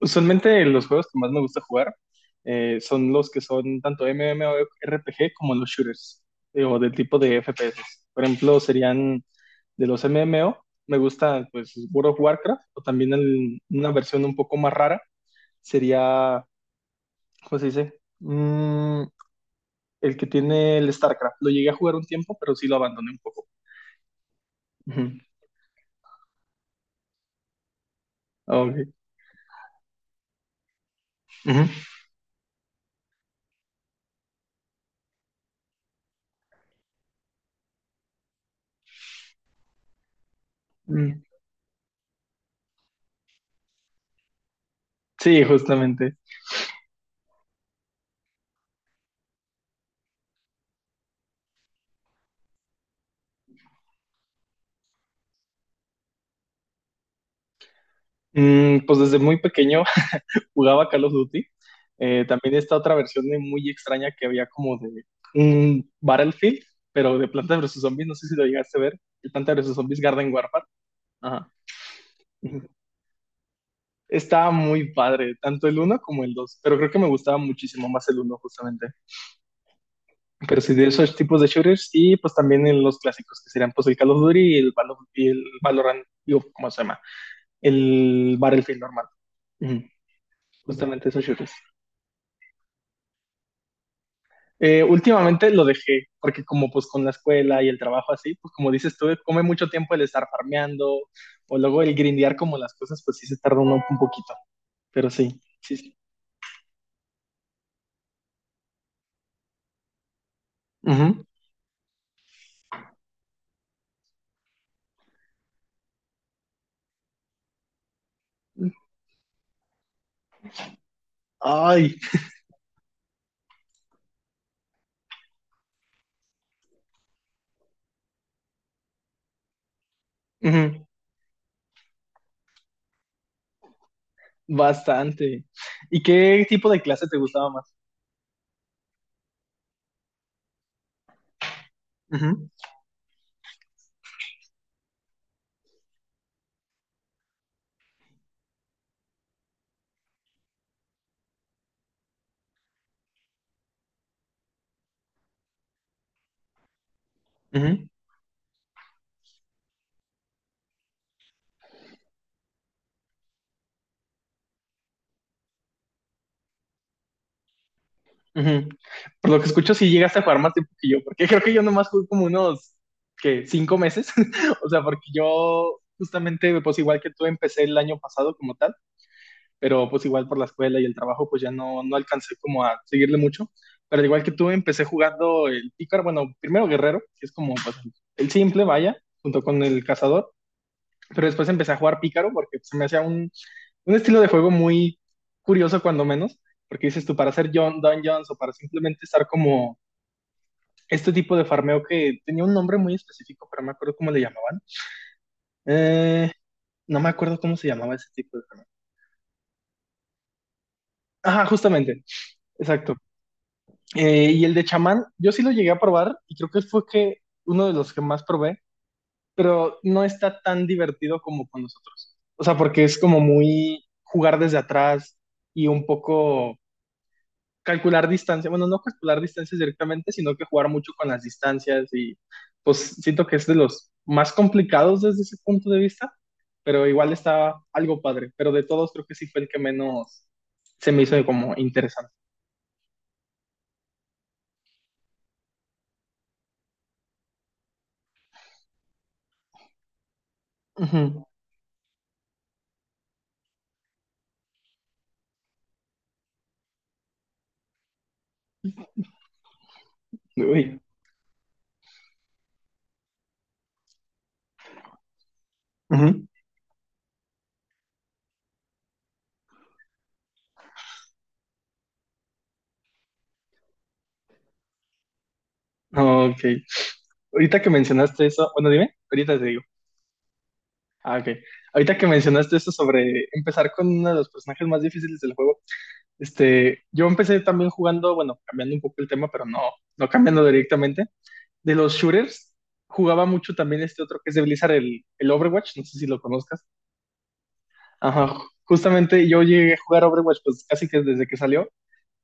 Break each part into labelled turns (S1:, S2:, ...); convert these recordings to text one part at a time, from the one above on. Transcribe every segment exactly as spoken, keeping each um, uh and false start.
S1: Usualmente los juegos que más me gusta jugar eh, son los que son tanto MMORPG como los shooters eh, o del tipo de F P S. Por ejemplo, serían de los M M O, me gusta pues World of Warcraft o también el- una versión un poco más rara sería, ¿cómo se dice? Mm, el que tiene el StarCraft. Lo llegué a jugar un tiempo, pero sí lo abandoné un poco. Ujú. Ah, ok. Ujú. Mm. Sí, justamente. Mm, pues desde muy pequeño jugaba Call of Duty. Eh, también esta otra versión de muy extraña que había como de un Battlefield, pero de Planta versus Zombies, no sé si lo llegaste a ver, el Planta versus Zombies Garden Warfare. Ajá. Ujú. Estaba muy padre, tanto el uno como el dos, pero creo que me gustaba muchísimo más el uno justamente. Pero sí, de esos tipos de shooters y pues también en los clásicos que serían pues el Call of Duty y el, Valo- y el Valorant, digo, ¿cómo se llama? El Battlefield normal. Ujú. Justamente esos shooters. Eh, últimamente lo dejé, porque como pues con la escuela y el trabajo así, pues como dices tú, come mucho tiempo el estar farmeando, o luego el grindear como las cosas, pues sí se tarda uno un poquito, pero sí, sí, sí. Ujú. Ay, ujú, bastante. ¿Y qué tipo de clase te gustaba más? Ujú, ujú, ujú. Por lo que escucho, sí llegaste a jugar más tiempo que yo, porque creo que yo nomás jugué como unos, ¿qué? ¿Cinco meses? O sea, porque yo justamente, pues igual que tú, empecé el año pasado como tal. Pero pues igual por la escuela y el trabajo pues ya no, no alcancé como a seguirle mucho. Pero al igual que tú, empecé jugando el pícaro, bueno, primero guerrero, que es como pues, el simple, vaya, junto con el cazador, pero después empecé a jugar pícaro porque se me hacía un, un estilo de juego muy curioso cuando menos, porque dices tú, para hacer John Dungeons o para simplemente estar como este tipo de farmeo que tenía un nombre muy específico, pero no me acuerdo cómo le llamaban. Eh, no me acuerdo cómo se llamaba ese tipo de farmeo. Ajá, justamente, exacto. Eh, y el de chamán, yo sí lo llegué a probar y creo que fue que uno de los que más probé, pero no está tan divertido como con nosotros. O sea, porque es como muy jugar desde atrás y un poco calcular distancia. Bueno, no calcular distancias directamente, sino que jugar mucho con las distancias y pues siento que es de los más complicados desde ese punto de vista, pero igual está algo padre. Pero de todos creo que sí fue el que menos se me hizo como interesante. Ujú. Uy. Ujú. Ok. Ahorita que mencionaste eso, bueno, dime, ahorita te digo. Ah, ok. Ahorita que mencionaste eso sobre empezar con uno de los personajes más difíciles del juego, este, yo empecé también jugando, bueno, cambiando un poco el tema, pero no, no cambiando directamente. De los shooters, jugaba mucho también este otro que es de Blizzard, el, el Overwatch, no sé si lo conozcas. Ajá, justamente yo llegué a jugar Overwatch pues casi que desde que salió.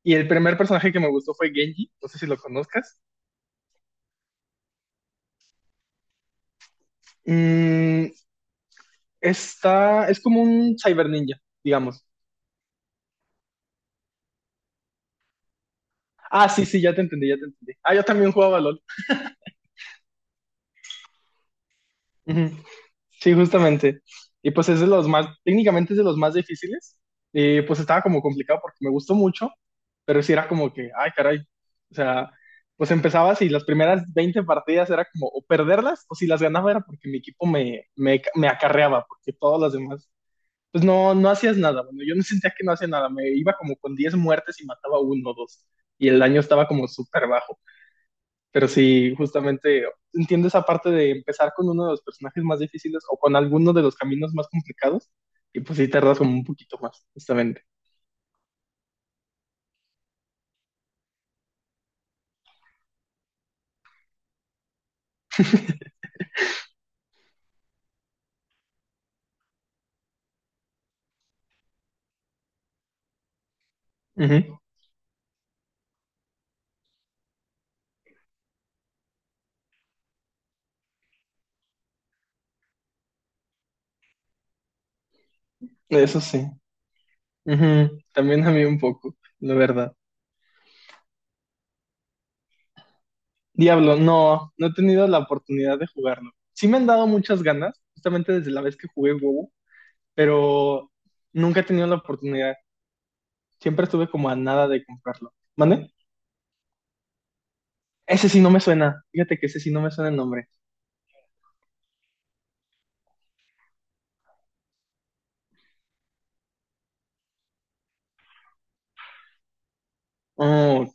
S1: Y el primer personaje que me gustó fue Genji, no sé si lo conozcas. Mm, está, es como un cyber ninja, digamos. Ah, sí, sí, ya te entendí, ya te entendí. Ah, yo también jugaba LOL. Ujú. Sí, justamente. Y pues es de los más, técnicamente es de los más difíciles. Y pues estaba como complicado porque me gustó mucho, pero sí era como que, ay, caray. O sea, pues empezabas y las primeras veinte partidas era como o perderlas o si las ganaba era porque mi equipo me, me, me acarreaba, porque todas las demás, pues no, no hacías nada. Bueno, yo no sentía que no hacía nada, me iba como con diez muertes y mataba uno o dos. Y el daño estaba como súper bajo. Pero sí, justamente entiendo esa parte de empezar con uno de los personajes más difíciles o con alguno de los caminos más complicados y pues sí tardas como un poquito más, justamente. Ujú. Eso sí. Ujú. También a mí un poco, la verdad. Diablo, no, no he tenido la oportunidad de jugarlo. Sí me han dado muchas ganas, justamente desde la vez que jugué WoW, pero nunca he tenido la oportunidad. Siempre estuve como a nada de comprarlo. ¿Mande? Ese sí no me suena. Fíjate que ese sí no me suena el nombre. Oh, ok.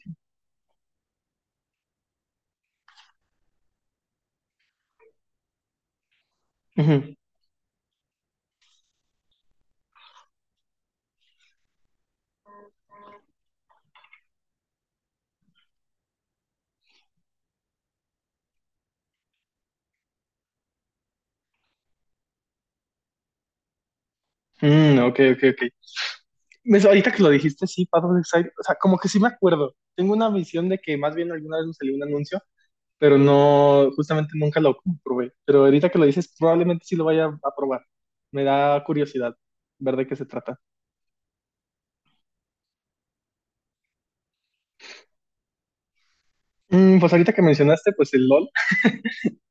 S1: Ujú. Mm, ok, ok, ok. Me- ahorita que lo dijiste, sí, Path of Exile, o sea, como que sí me acuerdo. Tengo una visión de que más bien alguna vez me salió un anuncio, pero no, justamente nunca lo comprobé. Pero ahorita que lo dices, probablemente sí lo vaya a probar. Me da curiosidad ver de qué se trata. Mm, pues ahorita que mencionaste, pues el LOL.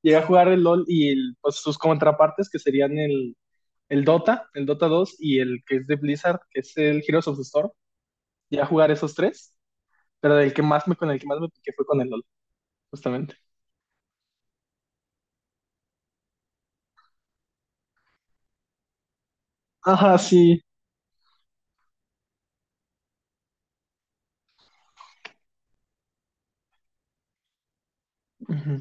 S1: Llegué a jugar el LOL y el- pues sus contrapartes, que serían el, el Dota, el Dota dos y el que es de Blizzard, que es el Heroes of the Storm. Llegué a jugar esos tres, pero el que más me, con el que más me piqué fue con el LOL, justamente. Ajá, sí. Ujú.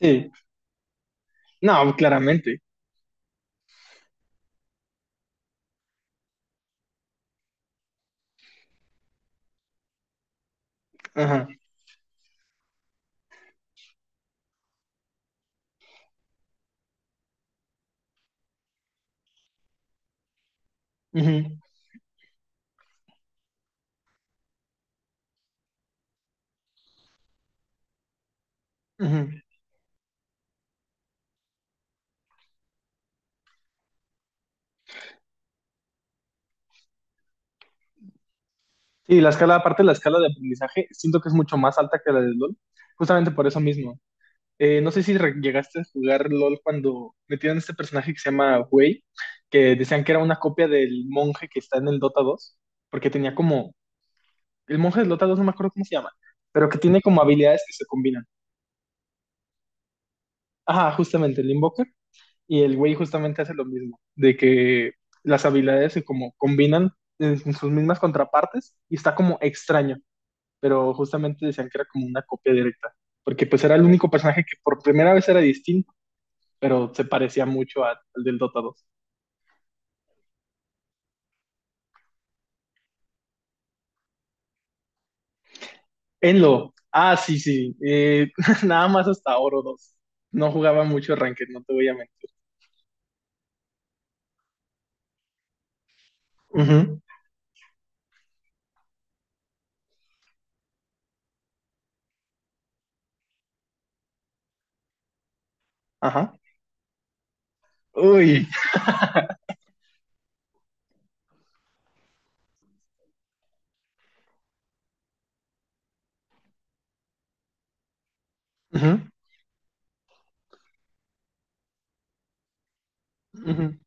S1: Sí. No, claramente. Ajá. Ujú. Ujú. Sí, la escala, aparte de la escala de aprendizaje, siento que es mucho más alta que la del LOL, justamente por eso mismo. Eh, no sé si re- llegaste a jugar LOL cuando metieron este personaje que se llama Wei, que decían que era una copia del monje que está en el Dota dos porque tenía como, el monje del Dota dos no me acuerdo cómo se llama, pero que tiene como habilidades que se combinan. Ajá, justamente, le. Y el güey justamente hace lo mismo, de que las habilidades se como combinan en sus mismas contrapartes y está como extraño, pero justamente decían que era como una copia directa, porque pues era el único personaje que por primera vez era distinto, pero se parecía mucho a- al del Dota dos. Enlo, ah, sí, sí, eh, nada más hasta Oro dos. No jugaba mucho Ranked, no te voy a mentir. Ujú. Ajá. Uy. Ujú, ujú.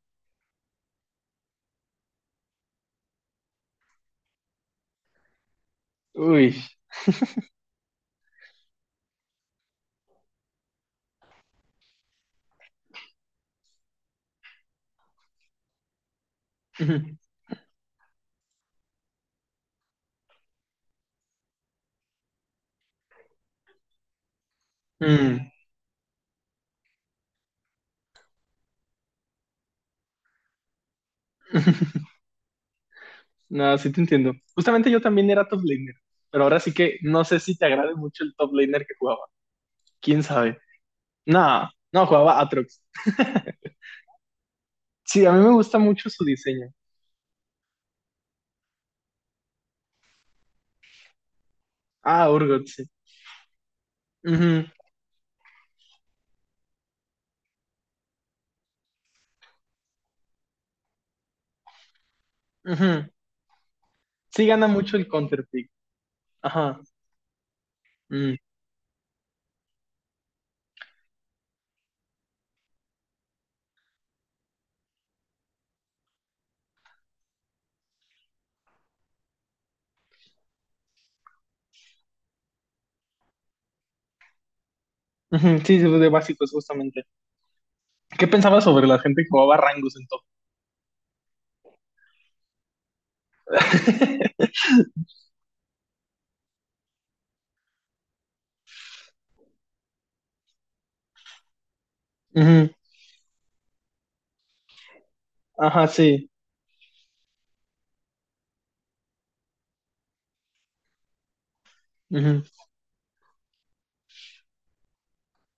S1: Uy. Ujú. Mm. No, sí te entiendo. Justamente yo también era top laner, pero ahora sí que no sé si te agrade mucho el top laner que jugaba. ¿Quién sabe? No, no, jugaba Atrox. Sí, a mí me gusta mucho su diseño. Ah, Urgot, sí. Ujú, ujú. Sí gana mucho el counter pick. Ajá. Mm. Ujú. Sí, sí, de básicos, justamente. ¿Qué pensabas sobre la gente que jugaba Rangos en top? Ujú. Ajá, sí. Ujú.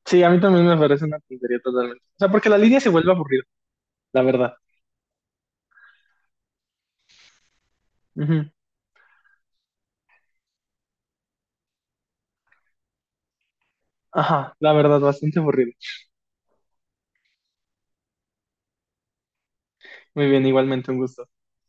S1: Sí, a mí también me parece una tontería totalmente. O sea, porque la línea se vuelve aburrida, la verdad. Ajá, la verdad, bastante aburrido. Muy bien, igualmente un gusto.